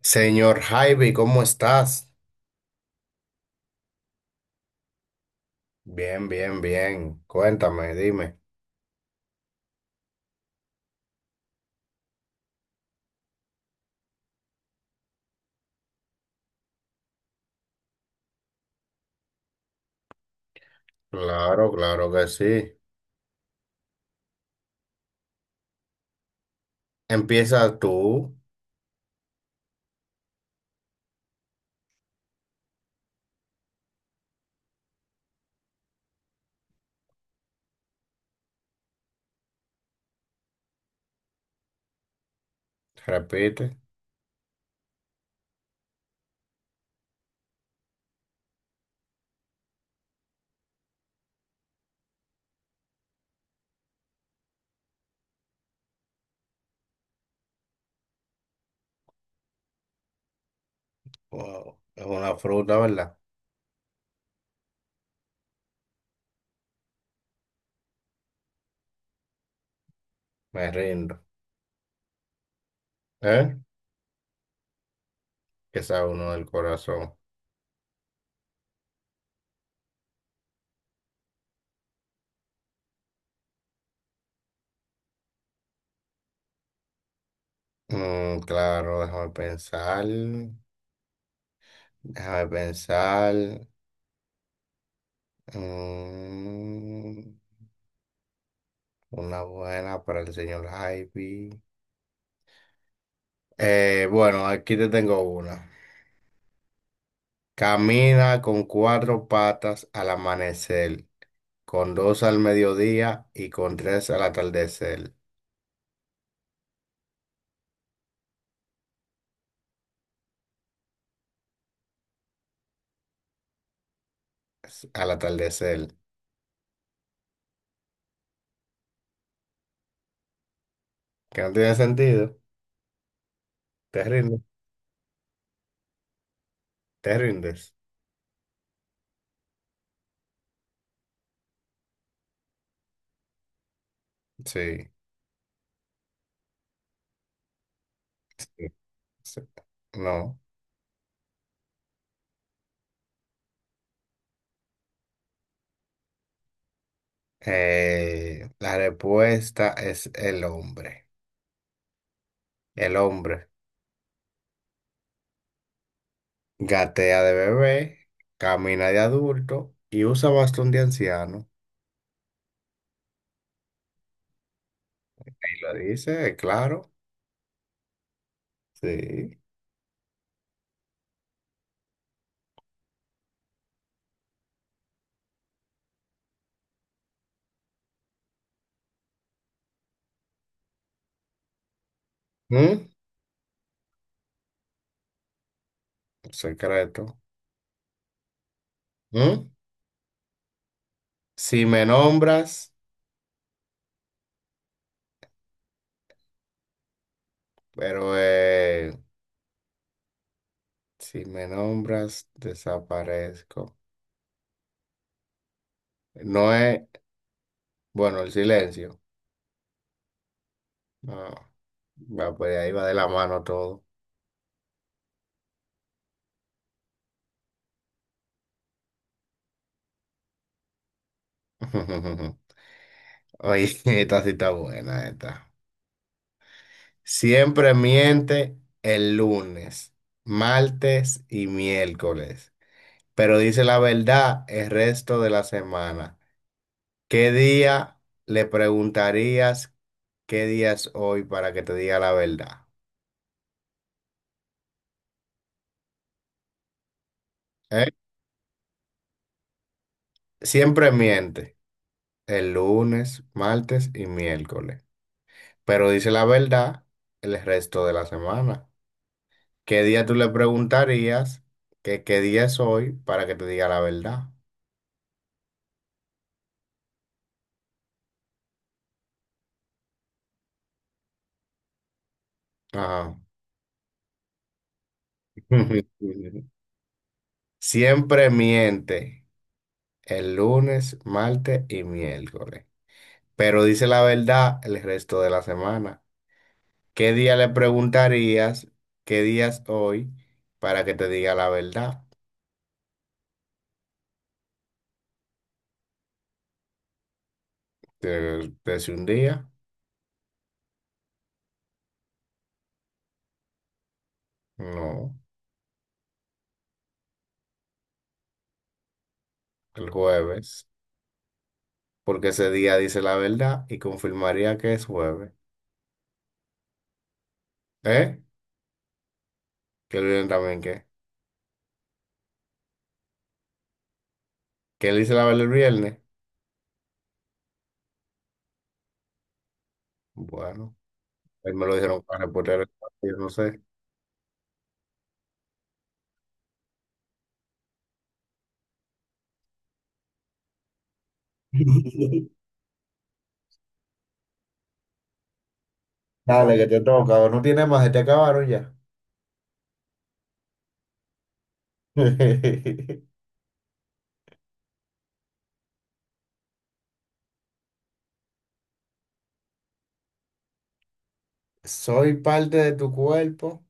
Señor Javi, ¿cómo estás? Bien, bien, bien. Cuéntame, dime. Claro, claro que sí. Empieza tú, repite. Wow, es una fruta, ¿verdad? Me rindo. ¿Eh? Que sabe uno del corazón. Claro, déjame pensar. Déjame pensar. Mm, una buena para el señor Javi. Bueno, aquí te tengo una. Camina con cuatro patas al amanecer, con dos al mediodía y con tres al atardecer. Al atardecer. Que no tiene sentido. Te rindes. Te rindes. Sí. Sí, sí. No. La respuesta es el hombre. El hombre gatea de bebé, camina de adulto y usa bastón de anciano. Y lo dice, claro. Sí. ¿Mm? Secreto. ¿Mm? Si me nombras, pero si me nombras, desaparezco. No es, bueno, el silencio. No, va, pues ahí va de la mano todo. Oye, esta sí está buena, esta. Siempre miente el lunes, martes y miércoles, pero dice la verdad el resto de la semana. ¿Qué día le preguntarías qué día es hoy para que te diga la verdad? ¿Eh? Siempre miente el lunes, martes y miércoles, pero dice la verdad el resto de la semana. ¿Qué día tú le preguntarías que qué día es hoy para que te diga la verdad? Ajá. Siempre miente el lunes, martes y miércoles, pero dice la verdad el resto de la semana. ¿Qué día le preguntarías qué día es hoy para que te diga la verdad? Te dice un día. No, el jueves, porque ese día dice la verdad y confirmaría que es jueves. ¿Eh? Que el viernes también, ¿qué? ¿Que él dice la verdad el viernes? Bueno, él me lo dijeron para reportar el partido, no sé. Dale, que te toca, no tiene más, se te acabaron ya. Soy parte de tu cuerpo,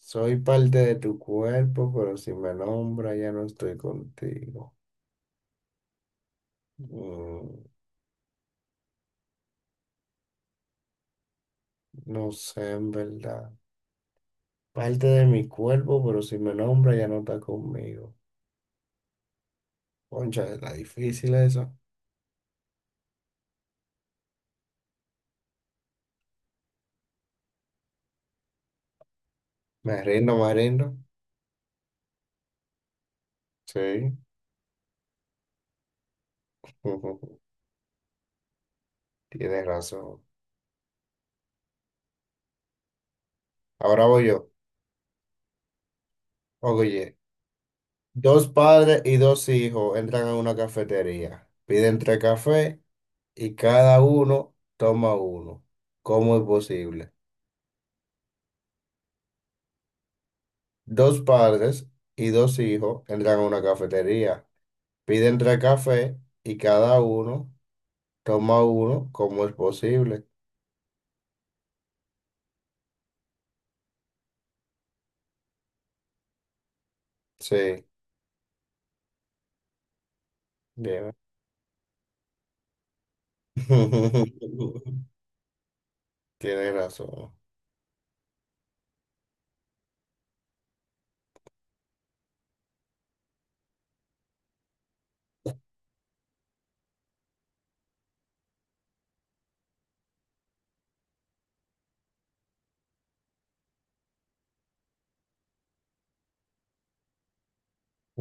soy parte de tu cuerpo, pero si me nombra ya no estoy contigo. Mm, no sé, en verdad. Parte de mi cuerpo, pero si me nombra ya no está conmigo. Concha, está difícil eso. Me rindo, me rindo. Sí, tienes razón. Ahora voy yo. Oye, dos padres y dos hijos entran a una cafetería, piden tres cafés y cada uno toma uno. ¿Cómo es posible? Dos padres y dos hijos entran a una cafetería, piden tres cafés y cada uno toma uno. ¿Cómo es posible? Sí. Bien, tienes razón.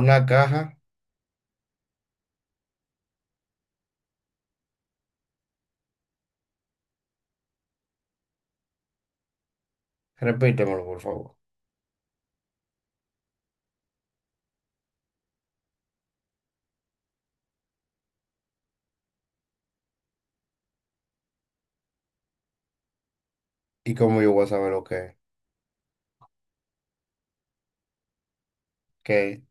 Una caja, repítemelo por favor. ¿Y cómo yo voy a saber lo que es? ¿Qué?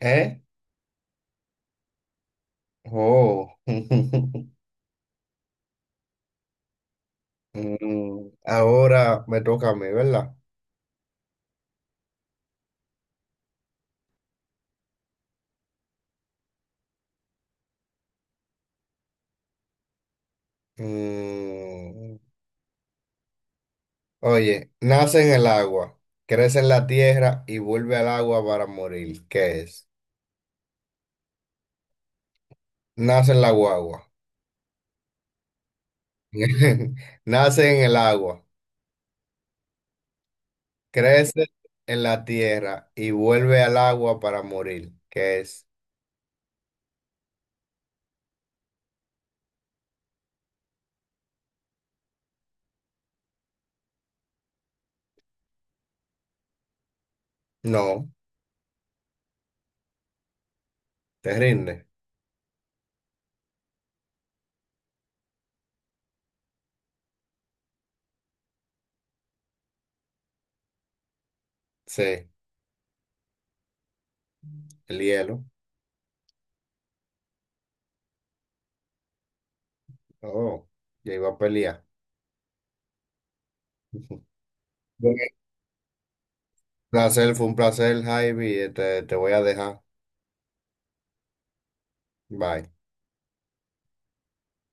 ¿Eh? Oh. Ahora me toca a mí, ¿verdad? Mm, Oye, nace en el agua, crece en la tierra y vuelve al agua para morir. ¿Qué es? Nace en la guagua. Nace en el agua. Crece en la tierra y vuelve al agua para morir. ¿Qué es? No, te rinde. Sí, el hielo. Oh, ya iba a pelear. Bueno, un placer, fue un placer, Javi. Te voy a dejar. Bye.